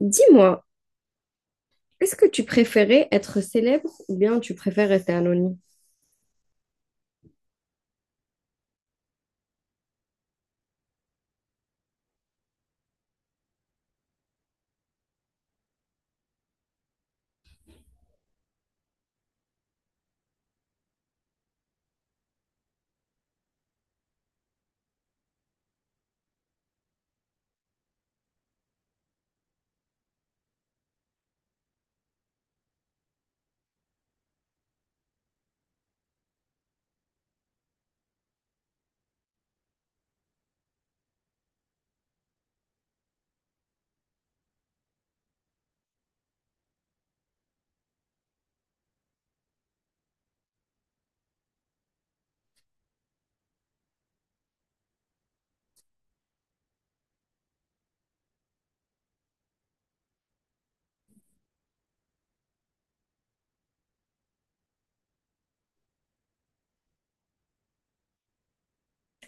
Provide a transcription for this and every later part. Dis-moi, est-ce que tu préférais être célèbre ou bien tu préfères rester anonyme?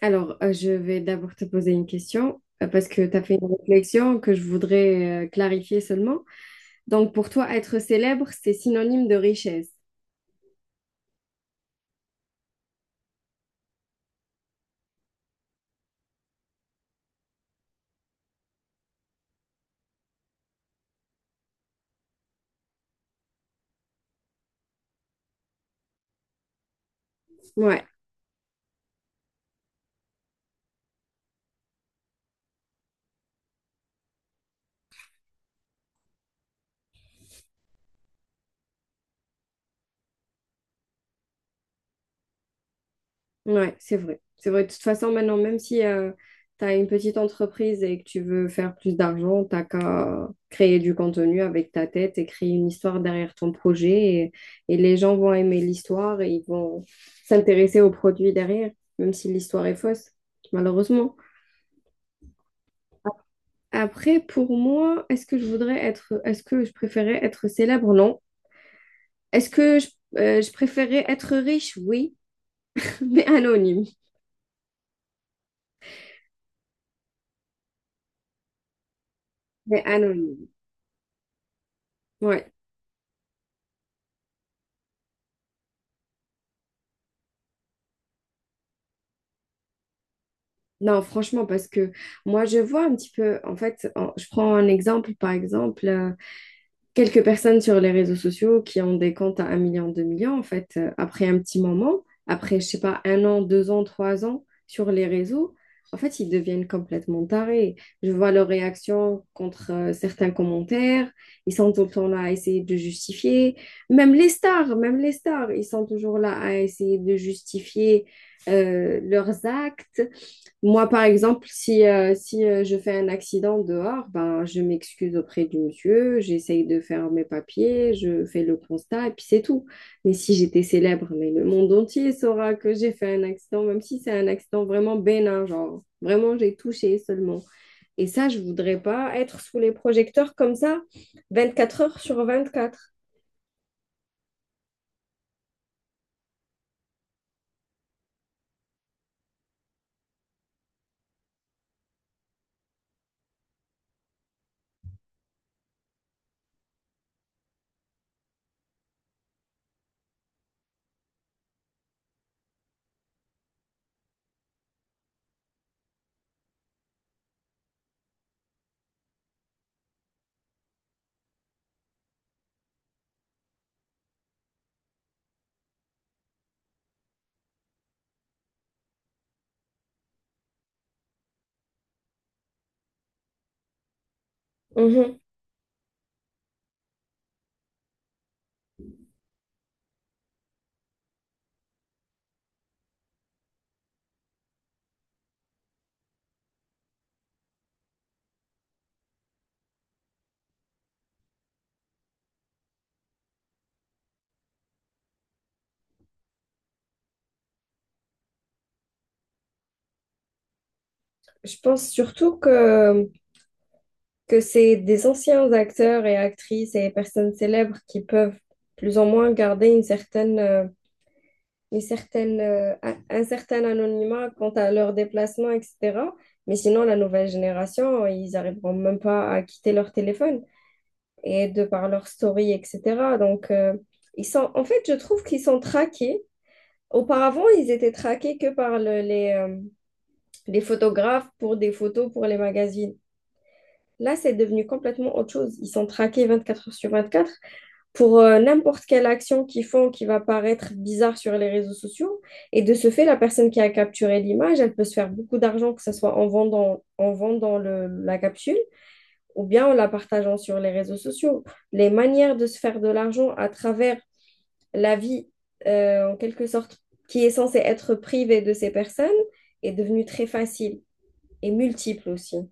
Alors, je vais d'abord te poser une question parce que tu as fait une réflexion que je voudrais clarifier seulement. Donc, pour toi, être célèbre, c'est synonyme de richesse. Ouais. Ouais, c'est vrai. C'est vrai. De toute façon, maintenant, même si tu as une petite entreprise et que tu veux faire plus d'argent, t'as qu'à créer du contenu avec ta tête et créer une histoire derrière ton projet. Et les gens vont aimer l'histoire et ils vont s'intéresser au produit derrière, même si l'histoire est fausse, malheureusement. Après, pour moi, est-ce que je préférais être célèbre? Non. Est-ce que je, je préférais être riche? Oui, mais anonyme. Mais anonyme. Ouais. Non, franchement, parce que moi, je vois un petit peu, en fait, je prends un exemple, par exemple, quelques personnes sur les réseaux sociaux qui ont des comptes à un million, 2 millions, en fait, après un petit moment, après, je sais pas, un an, deux ans, trois ans sur les réseaux, en fait, ils deviennent complètement tarés. Je vois leurs réactions contre certains commentaires, ils sont tout le temps là à essayer de justifier, même les stars, ils sont toujours là à essayer de justifier leurs actes moi, par exemple, si je fais un accident dehors, ben, je m'excuse auprès du monsieur, j'essaye de faire mes papiers, je fais le constat et puis c'est tout. Mais si j'étais célèbre, mais le monde entier saura que j'ai fait un accident, même si c'est un accident vraiment bénin, genre vraiment j'ai touché seulement. Et ça, je voudrais pas être sous les projecteurs comme ça, 24 heures sur 24. Mhm. Je pense surtout que c'est des anciens acteurs et actrices et personnes célèbres qui peuvent plus ou moins garder une certaine, un certain anonymat quant à leurs déplacements, etc. Mais sinon, la nouvelle génération, ils n'arriveront même pas à quitter leur téléphone et de par leur story, etc. Donc, ils sont, en fait, je trouve qu'ils sont traqués. Auparavant, ils étaient traqués que par les photographes pour des photos pour les magazines. Là, c'est devenu complètement autre chose. Ils sont traqués 24 heures sur 24 pour n'importe quelle action qu'ils font qui va paraître bizarre sur les réseaux sociaux. Et de ce fait, la personne qui a capturé l'image, elle peut se faire beaucoup d'argent, que ce soit en vendant la capsule ou bien en la partageant sur les réseaux sociaux. Les manières de se faire de l'argent à travers la vie, en quelque sorte, qui est censée être privée de ces personnes, est devenue très facile et multiple aussi.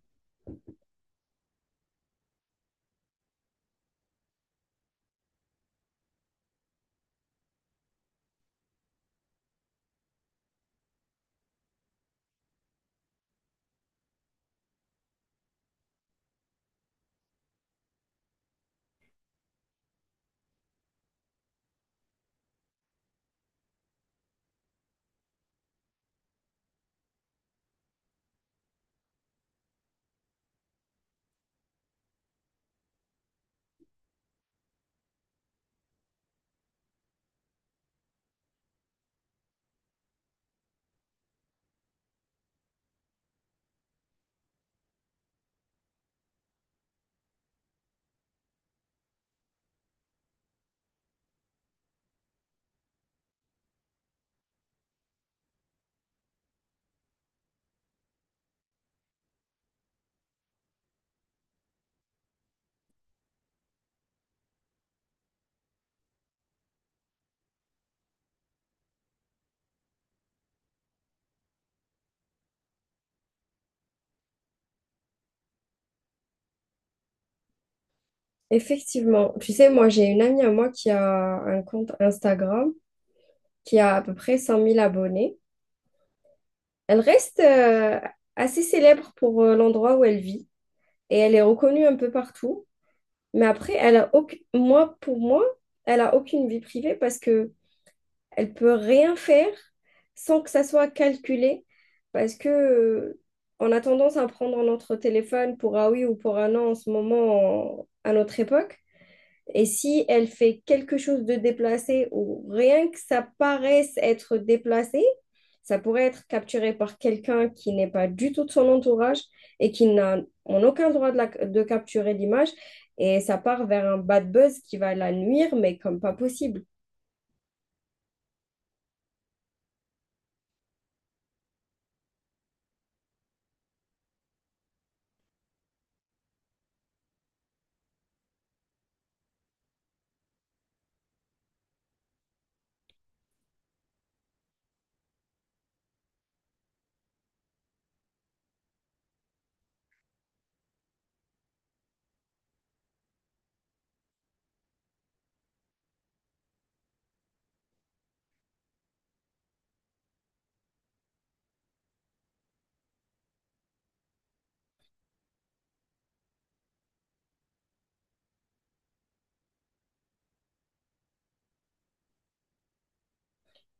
Effectivement, tu sais, moi j'ai une amie à moi qui a un compte Instagram qui a à peu près 100 000 abonnés. Elle reste assez célèbre pour l'endroit où elle vit et elle est reconnue un peu partout. Mais après, elle a aucune moi, pour moi, elle a aucune vie privée parce que elle peut rien faire sans que ça soit calculé. Parce que on a tendance à prendre notre téléphone pour un oui ou pour un non en ce moment, à notre époque. Et si elle fait quelque chose de déplacé ou rien que ça paraisse être déplacé, ça pourrait être capturé par quelqu'un qui n'est pas du tout de son entourage et qui n'a en aucun droit de, de capturer l'image. Et ça part vers un bad buzz qui va la nuire, mais comme pas possible.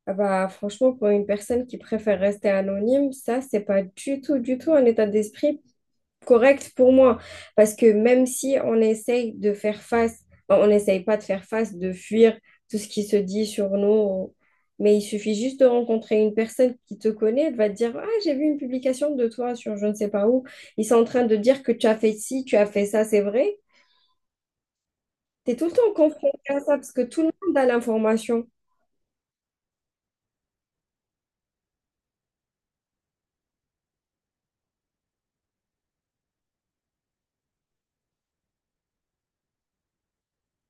Ah bah, franchement, pour une personne qui préfère rester anonyme, ça, c'est pas du tout, du tout un état d'esprit correct pour moi. Parce que même si on essaye de faire face, enfin, on n'essaye pas de faire face, de fuir tout ce qui se dit sur nous, mais il suffit juste de rencontrer une personne qui te connaît, elle va te dire, ah, j'ai vu une publication de toi sur je ne sais pas où. Ils sont en train de dire que tu as fait ci, tu as fait ça, c'est vrai. T'es tout le temps confronté à ça parce que tout le monde a l'information.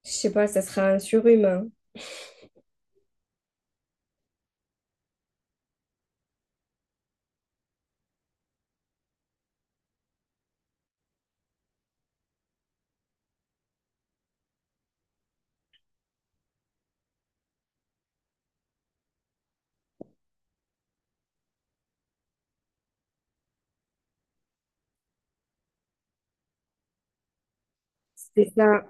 Je sais pas, ça sera un surhumain. C'est ça.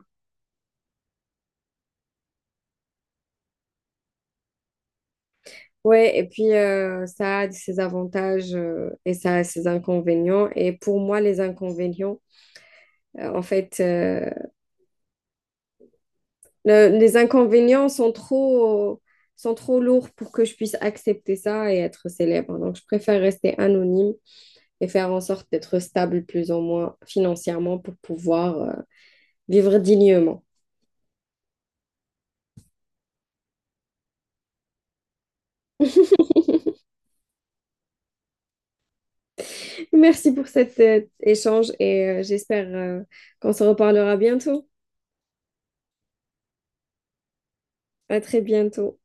Ouais, et puis ça a ses avantages et ça a ses inconvénients. Et pour moi, les inconvénients, euh, en fait, euh, les inconvénients sont trop lourds pour que je puisse accepter ça et être célèbre. Donc, je préfère rester anonyme et faire en sorte d'être stable plus ou moins financièrement pour pouvoir vivre dignement. Merci pour cet échange et j'espère qu'on se reparlera bientôt. À très bientôt.